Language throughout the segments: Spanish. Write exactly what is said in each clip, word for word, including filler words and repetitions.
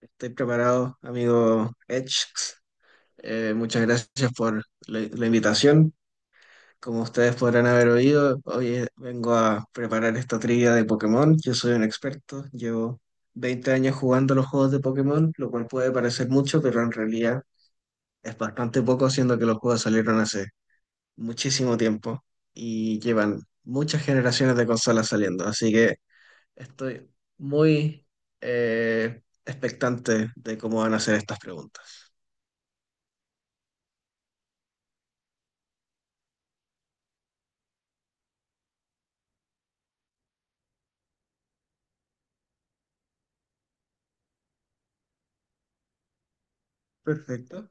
Estoy preparado, amigo Edge. Eh, muchas gracias por la, la invitación. Como ustedes podrán haber oído, hoy vengo a preparar esta trivia de Pokémon. Yo soy un experto, llevo veinte años jugando los juegos de Pokémon, lo cual puede parecer mucho, pero en realidad es bastante poco, siendo que los juegos salieron hace muchísimo tiempo y llevan muchas generaciones de consolas saliendo. Así que estoy muy eh, expectante de cómo van a ser estas preguntas. Perfecto.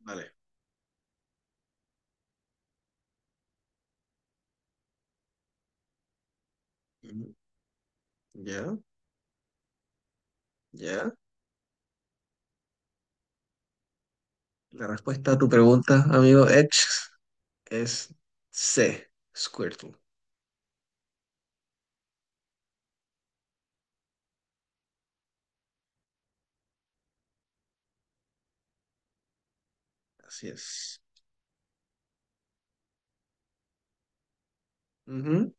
Vale. Mm. Ya, ya. La respuesta a tu pregunta, amigo Edge, es C, Squirtle. Así es. Ujú.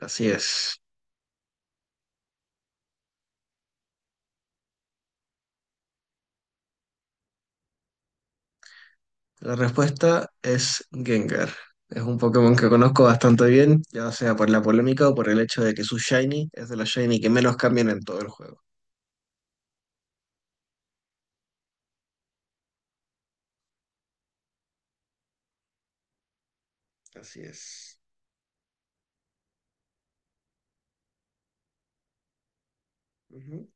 Así es. La respuesta es Gengar. Es un Pokémon que conozco bastante bien, ya sea por la polémica o por el hecho de que su Shiny es de la Shiny que menos cambian en todo el juego. Así es. Ujú,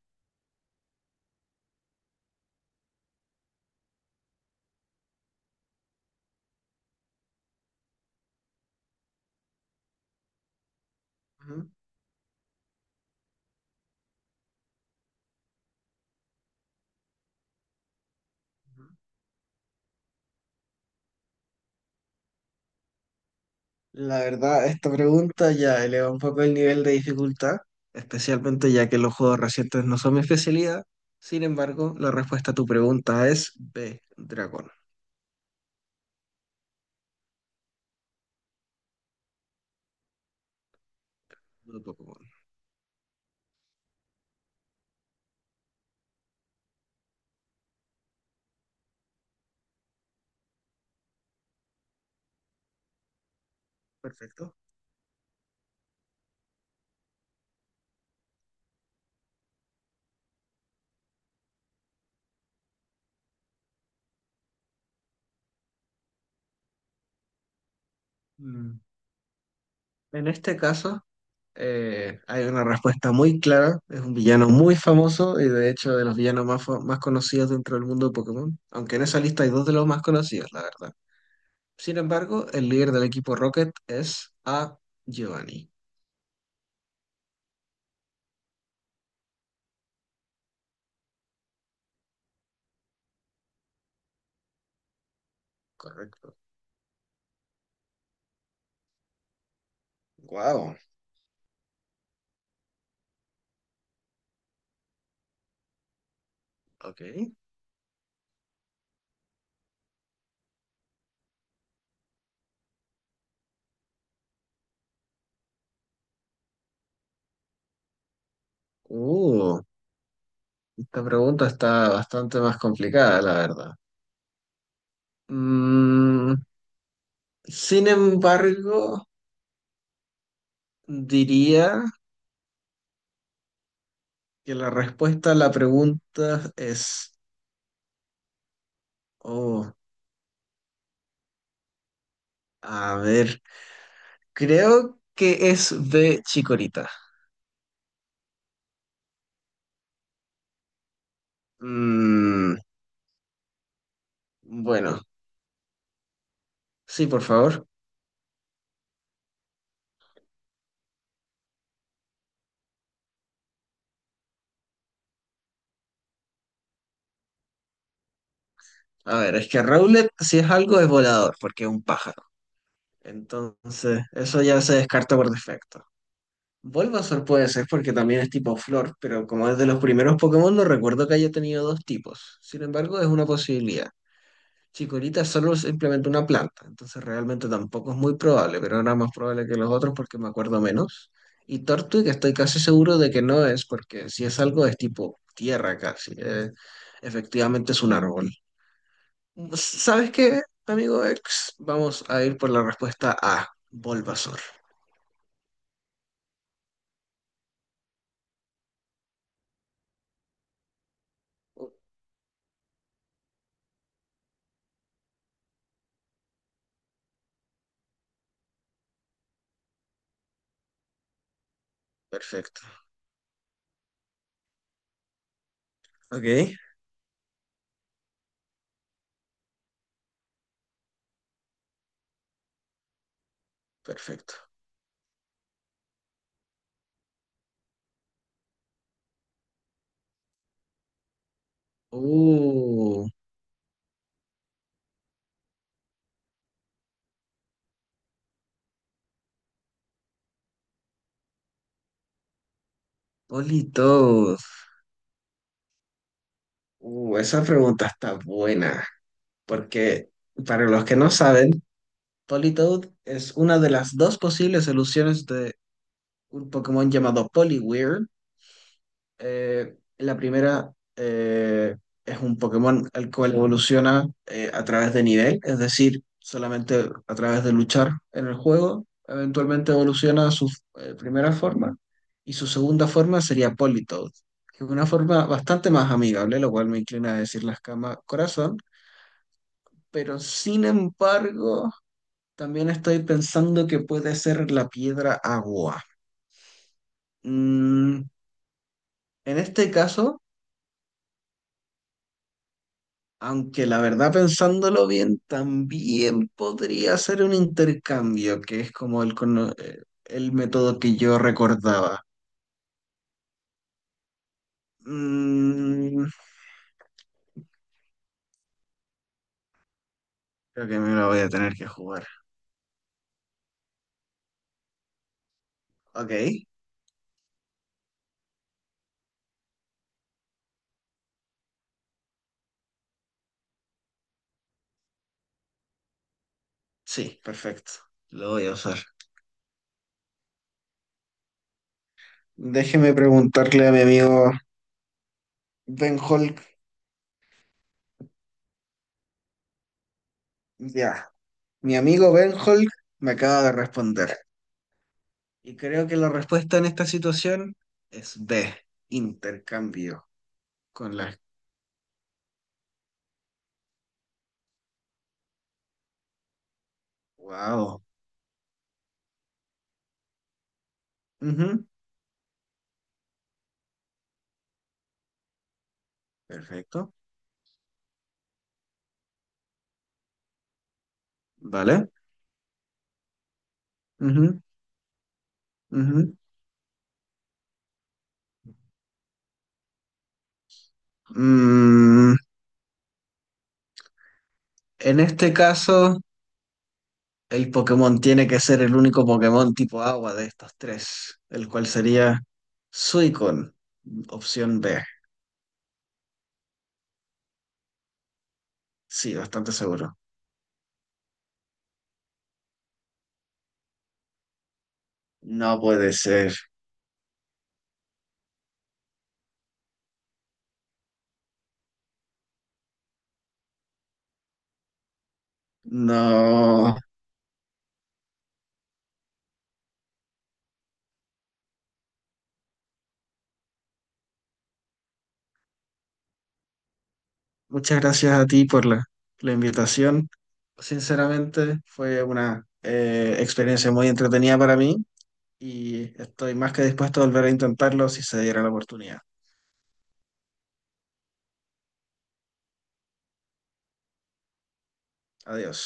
ujú, ujú. La verdad, esta pregunta ya eleva un poco el nivel de dificultad, especialmente ya que los juegos recientes no son mi especialidad. Sin embargo, la respuesta a tu pregunta es B, dragón, no Pokémon. Perfecto. Mm. En este caso, eh, hay una respuesta muy clara. Es un villano muy famoso y de hecho de los villanos más, fa- más conocidos dentro del mundo de Pokémon, aunque en esa lista hay dos de los más conocidos, la verdad. Sin embargo, el líder del equipo Rocket es A, Giovanni. Correcto. Wow. Ok. Uh, esta pregunta está bastante más complicada, la verdad. Mm, sin embargo, diría que la respuesta a la pregunta es, oh, a ver, creo que es de Chikorita. Mm, bueno, sí, por favor. A ver, es que Rowlet, si es algo, es volador, porque es un pájaro. Entonces, eso ya se descarta por defecto. Bulbasaur puede ser porque también es tipo flor, pero como es de los primeros Pokémon no recuerdo que haya tenido dos tipos. Sin embargo, es una posibilidad. Chikorita solo es simplemente una planta, entonces realmente tampoco es muy probable, pero era más probable que los otros porque me acuerdo menos. Y Tortwig estoy casi seguro de que no es, porque si es algo es tipo tierra casi. Eh, efectivamente es un árbol. ¿Sabes qué, amigo X? Vamos a ir por la respuesta A, Bulbasaur. Perfecto. Ok, perfecto. Uh, Politos. Uh, esa pregunta está buena, porque para los que no saben, Politoed es una de las dos posibles soluciones de un Pokémon llamado Poliwhirl. Eh, la primera eh, es un Pokémon el cual evoluciona eh, a través de nivel, es decir, solamente a través de luchar en el juego. Eventualmente evoluciona a su eh, primera forma y su segunda forma sería Politoed, que es una forma bastante más amigable, lo cual me inclina a decir la escama corazón, pero sin embargo, también estoy pensando que puede ser la piedra agua. Mm, en este caso, aunque la verdad, pensándolo bien, también podría ser un intercambio, que es como el, cono- eh, el método que yo recordaba. Mm, creo que me lo voy a tener que jugar. Ok, sí, perfecto. Lo voy a usar. Déjeme preguntarle a mi amigo Ben Hulk. Ya, mi amigo Ben Hulk me acaba de responder. Y creo que la respuesta en esta situación es B, intercambio con las... Wow. Perfecto. Vale. Ujú, ujú. Mm, en este caso, el Pokémon tiene que ser el único Pokémon tipo agua de estos tres, el cual sería Suicon, opción B. Sí, bastante seguro. No puede ser. No. Muchas gracias a ti por la, la invitación. Sinceramente, fue una eh, experiencia muy entretenida para mí y estoy más que dispuesto a volver a intentarlo si se diera la oportunidad. Adiós.